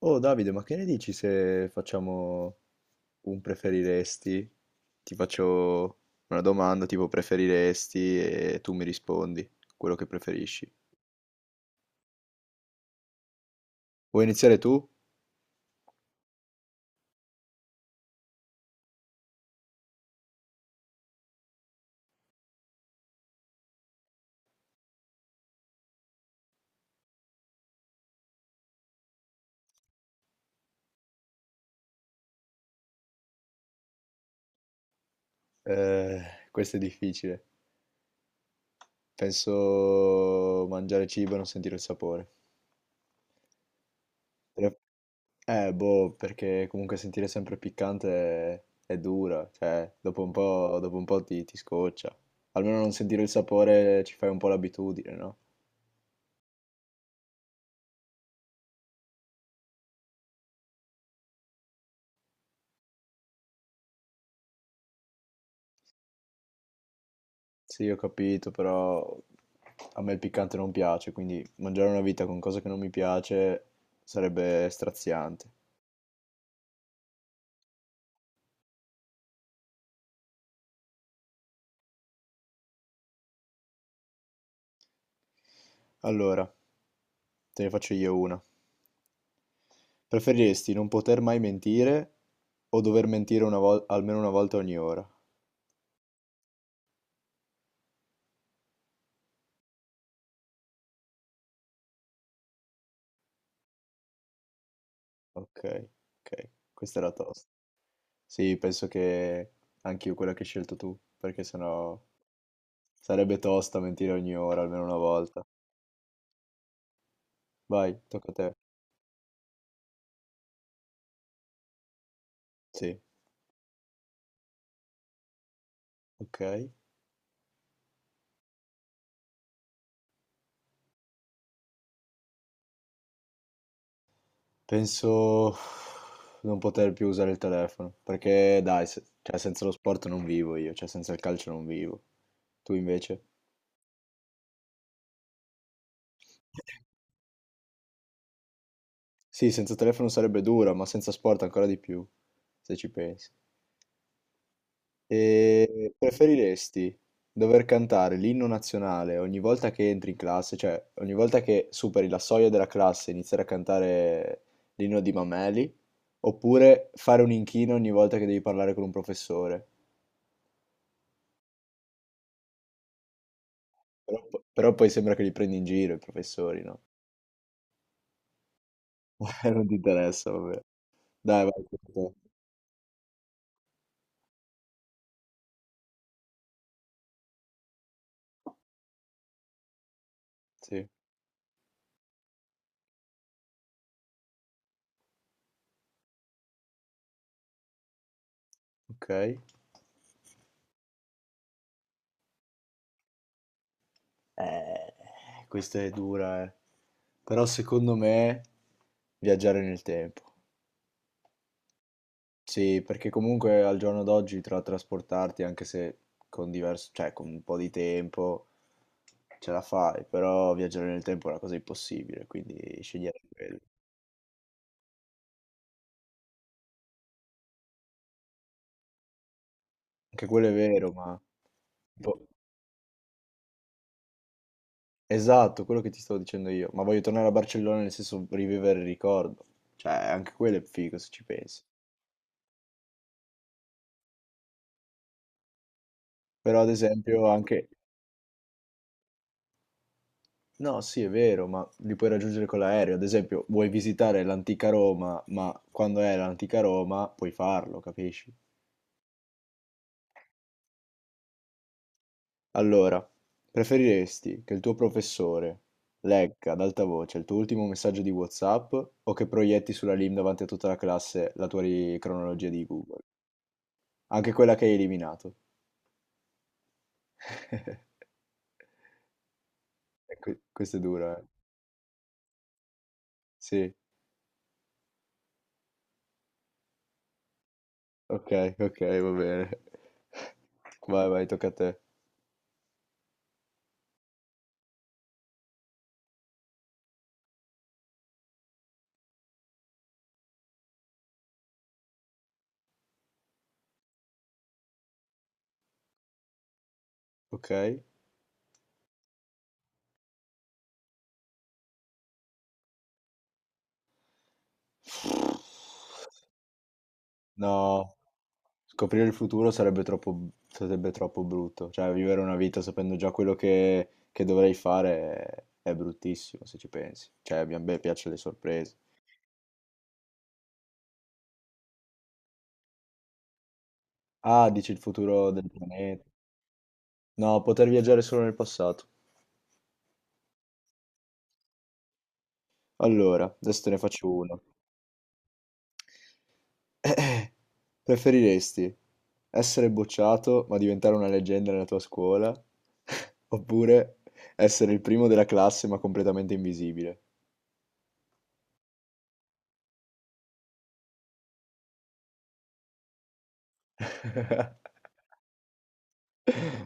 Oh Davide, ma che ne dici se facciamo un preferiresti? Ti faccio una domanda tipo preferiresti e tu mi rispondi quello che preferisci. Vuoi iniziare tu? Eh, questo è difficile. Penso mangiare cibo e non sentire il sapore. Però- boh, perché comunque sentire sempre piccante è dura, cioè dopo un po' ti scoccia. Almeno non sentire il sapore ci fai un po' l'abitudine, no? Sì, ho capito, però a me il piccante non piace, quindi mangiare una vita con cose che non mi piace sarebbe straziante. Allora, te ne faccio io una. Preferiresti non poter mai mentire o dover mentire almeno una volta ogni ora? Ok, ok, questa era tosta. Sì, penso che anche io quella che hai scelto tu, perché sennò sarebbe tosta mentire ogni ora, almeno una volta. Vai, tocca a te. Sì, ok. Penso non poter più usare il telefono, perché dai, se- cioè, senza lo sport non vivo io, cioè senza il calcio non vivo. Tu invece? Sì, senza telefono sarebbe dura, ma senza sport ancora di più, se ci pensi. E preferiresti dover cantare l'inno nazionale ogni volta che entri in classe, cioè ogni volta che superi la soglia della classe e iniziare a cantare l'inno di Mameli, oppure fare un inchino ogni volta che devi parlare con un professore? Però, però poi sembra che li prendi in giro i professori, no? Non ti interessa, vabbè. Dai, vai. Tocca a te. Sì, ok. Eh, questa è dura, eh. Però secondo me viaggiare nel tempo. Sì, perché comunque al giorno d'oggi tra trasportarti, anche se con diverso, cioè con un po' di tempo, ce la fai, però viaggiare nel tempo è una cosa impossibile, quindi scegliere quello. Anche quello è vero, ma... boh. Esatto, quello che ti stavo dicendo io, ma voglio tornare a Barcellona nel senso rivivere il ricordo, cioè anche quello è figo se ci pensi, però ad esempio anche, no sì è vero, ma li puoi raggiungere con l'aereo, ad esempio vuoi visitare l'antica Roma, ma quando è l'antica Roma puoi farlo, capisci? Allora, preferiresti che il tuo professore legga ad alta voce il tuo ultimo messaggio di WhatsApp o che proietti sulla LIM davanti a tutta la classe la tua cronologia di Google, anche quella che hai eliminato? E questo è duro, eh. Sì, okay, okay, va bene. Vai, vai, tocca a te. Okay. No. Scoprire il futuro sarebbe troppo b sarebbe troppo brutto. Cioè, vivere una vita sapendo già quello che dovrei fare è bruttissimo, se ci pensi. Cioè, a mia me piacciono le sorprese. Ah, dici il futuro del pianeta. No, poter viaggiare solo nel passato. Allora, adesso te ne faccio una. Eh, preferiresti essere bocciato ma diventare una leggenda nella tua scuola oppure essere il primo della classe ma completamente invisibile?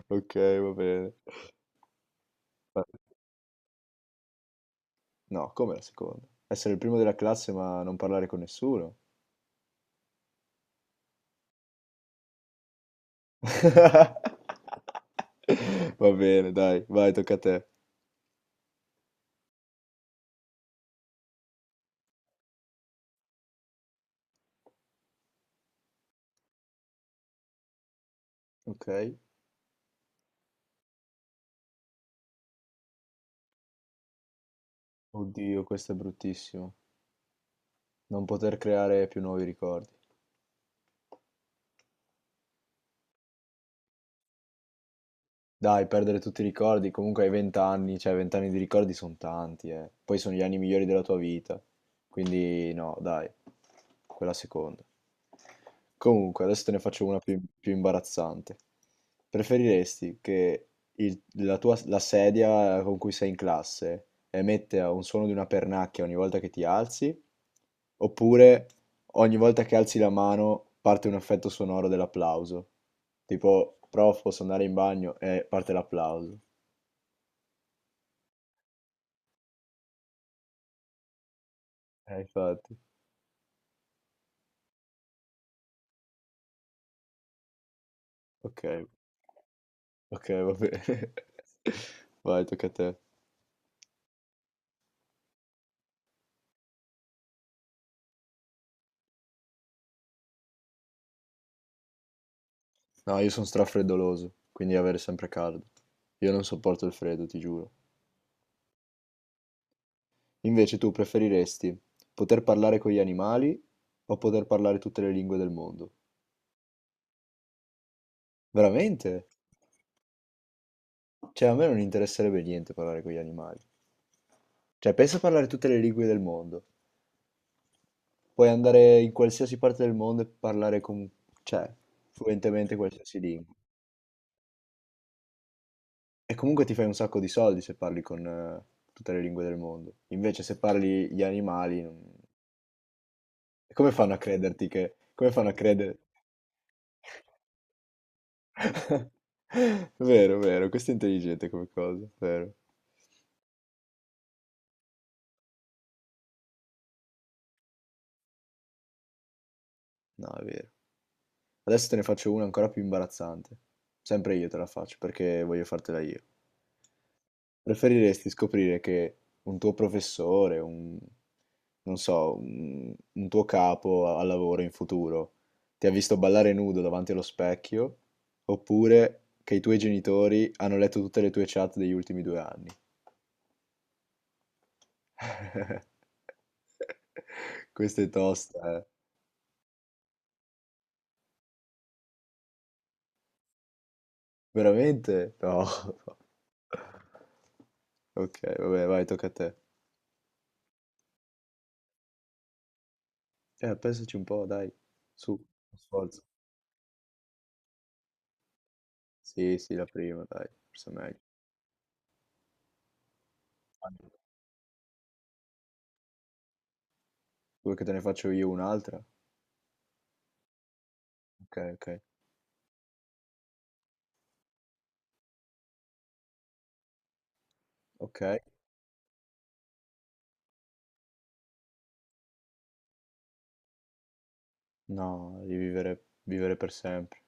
Ok, va bene. Va- No, come la seconda? Essere il primo della classe ma non parlare con nessuno? Va bene, dai, vai, tocca a te. Ok. Oddio, questo è bruttissimo. Non poter creare più nuovi ricordi. Dai, perdere tutti i ricordi, comunque hai 20 anni, cioè 20 anni di ricordi sono tanti, eh. Poi sono gli anni migliori della tua vita. Quindi no, dai, quella seconda. Comunque, adesso te ne faccio una più imbarazzante. Preferiresti che la sedia con cui sei in classe emette un suono di una pernacchia ogni volta che ti alzi, oppure ogni volta che alzi la mano parte un effetto sonoro dell'applauso. Tipo, prof, posso andare in bagno? E parte l'applauso. Infatti. Ok, ok, va bene. Vai, tocca a te. No, io sono strafreddoloso, quindi avere sempre caldo. Io non sopporto il freddo, ti giuro. Invece tu preferiresti poter parlare con gli animali o poter parlare tutte le lingue del mondo? Veramente? Cioè, a me non interesserebbe niente parlare con gli animali. Cioè, pensa a parlare tutte le lingue del mondo. Puoi andare in qualsiasi parte del mondo e parlare con, cioè, fluentemente qualsiasi lingua. E comunque ti fai un sacco di soldi se parli con tutte le lingue del mondo. Invece, se parli gli animali, non- come fanno a crederti che... Come fanno a credere? Vero, vero, questo è intelligente come cosa, vero. No, è vero. Adesso te ne faccio una ancora più imbarazzante. Sempre io te la faccio perché voglio fartela io. Preferiresti scoprire che un tuo professore, un, non so, un tuo capo al lavoro in futuro ti ha visto ballare nudo davanti allo specchio, oppure che i tuoi genitori hanno letto tutte le tue chat degli ultimi due anni? Questa è tosta, eh. Veramente? No. Ok, vabbè, vai, tocca a te. Pensaci un po', dai. Su, uno sforzo. Sì, sì, la prima, dai, forse è meglio. Vuoi che te ne faccio io un'altra? Ok, ok. Ok. No, di vivere, vivere per sempre.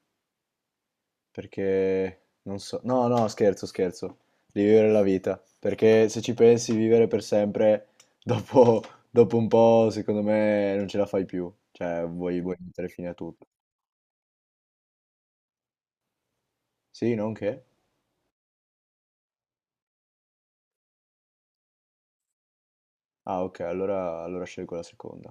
Perché non so. No, no, scherzo, scherzo. Di vivere la vita. Perché se ci pensi, vivere per sempre, dopo, dopo un po', secondo me, non ce la fai più. Cioè, vuoi mettere fine a tutto. Sì, non che? Ah, ok, allora scelgo la seconda.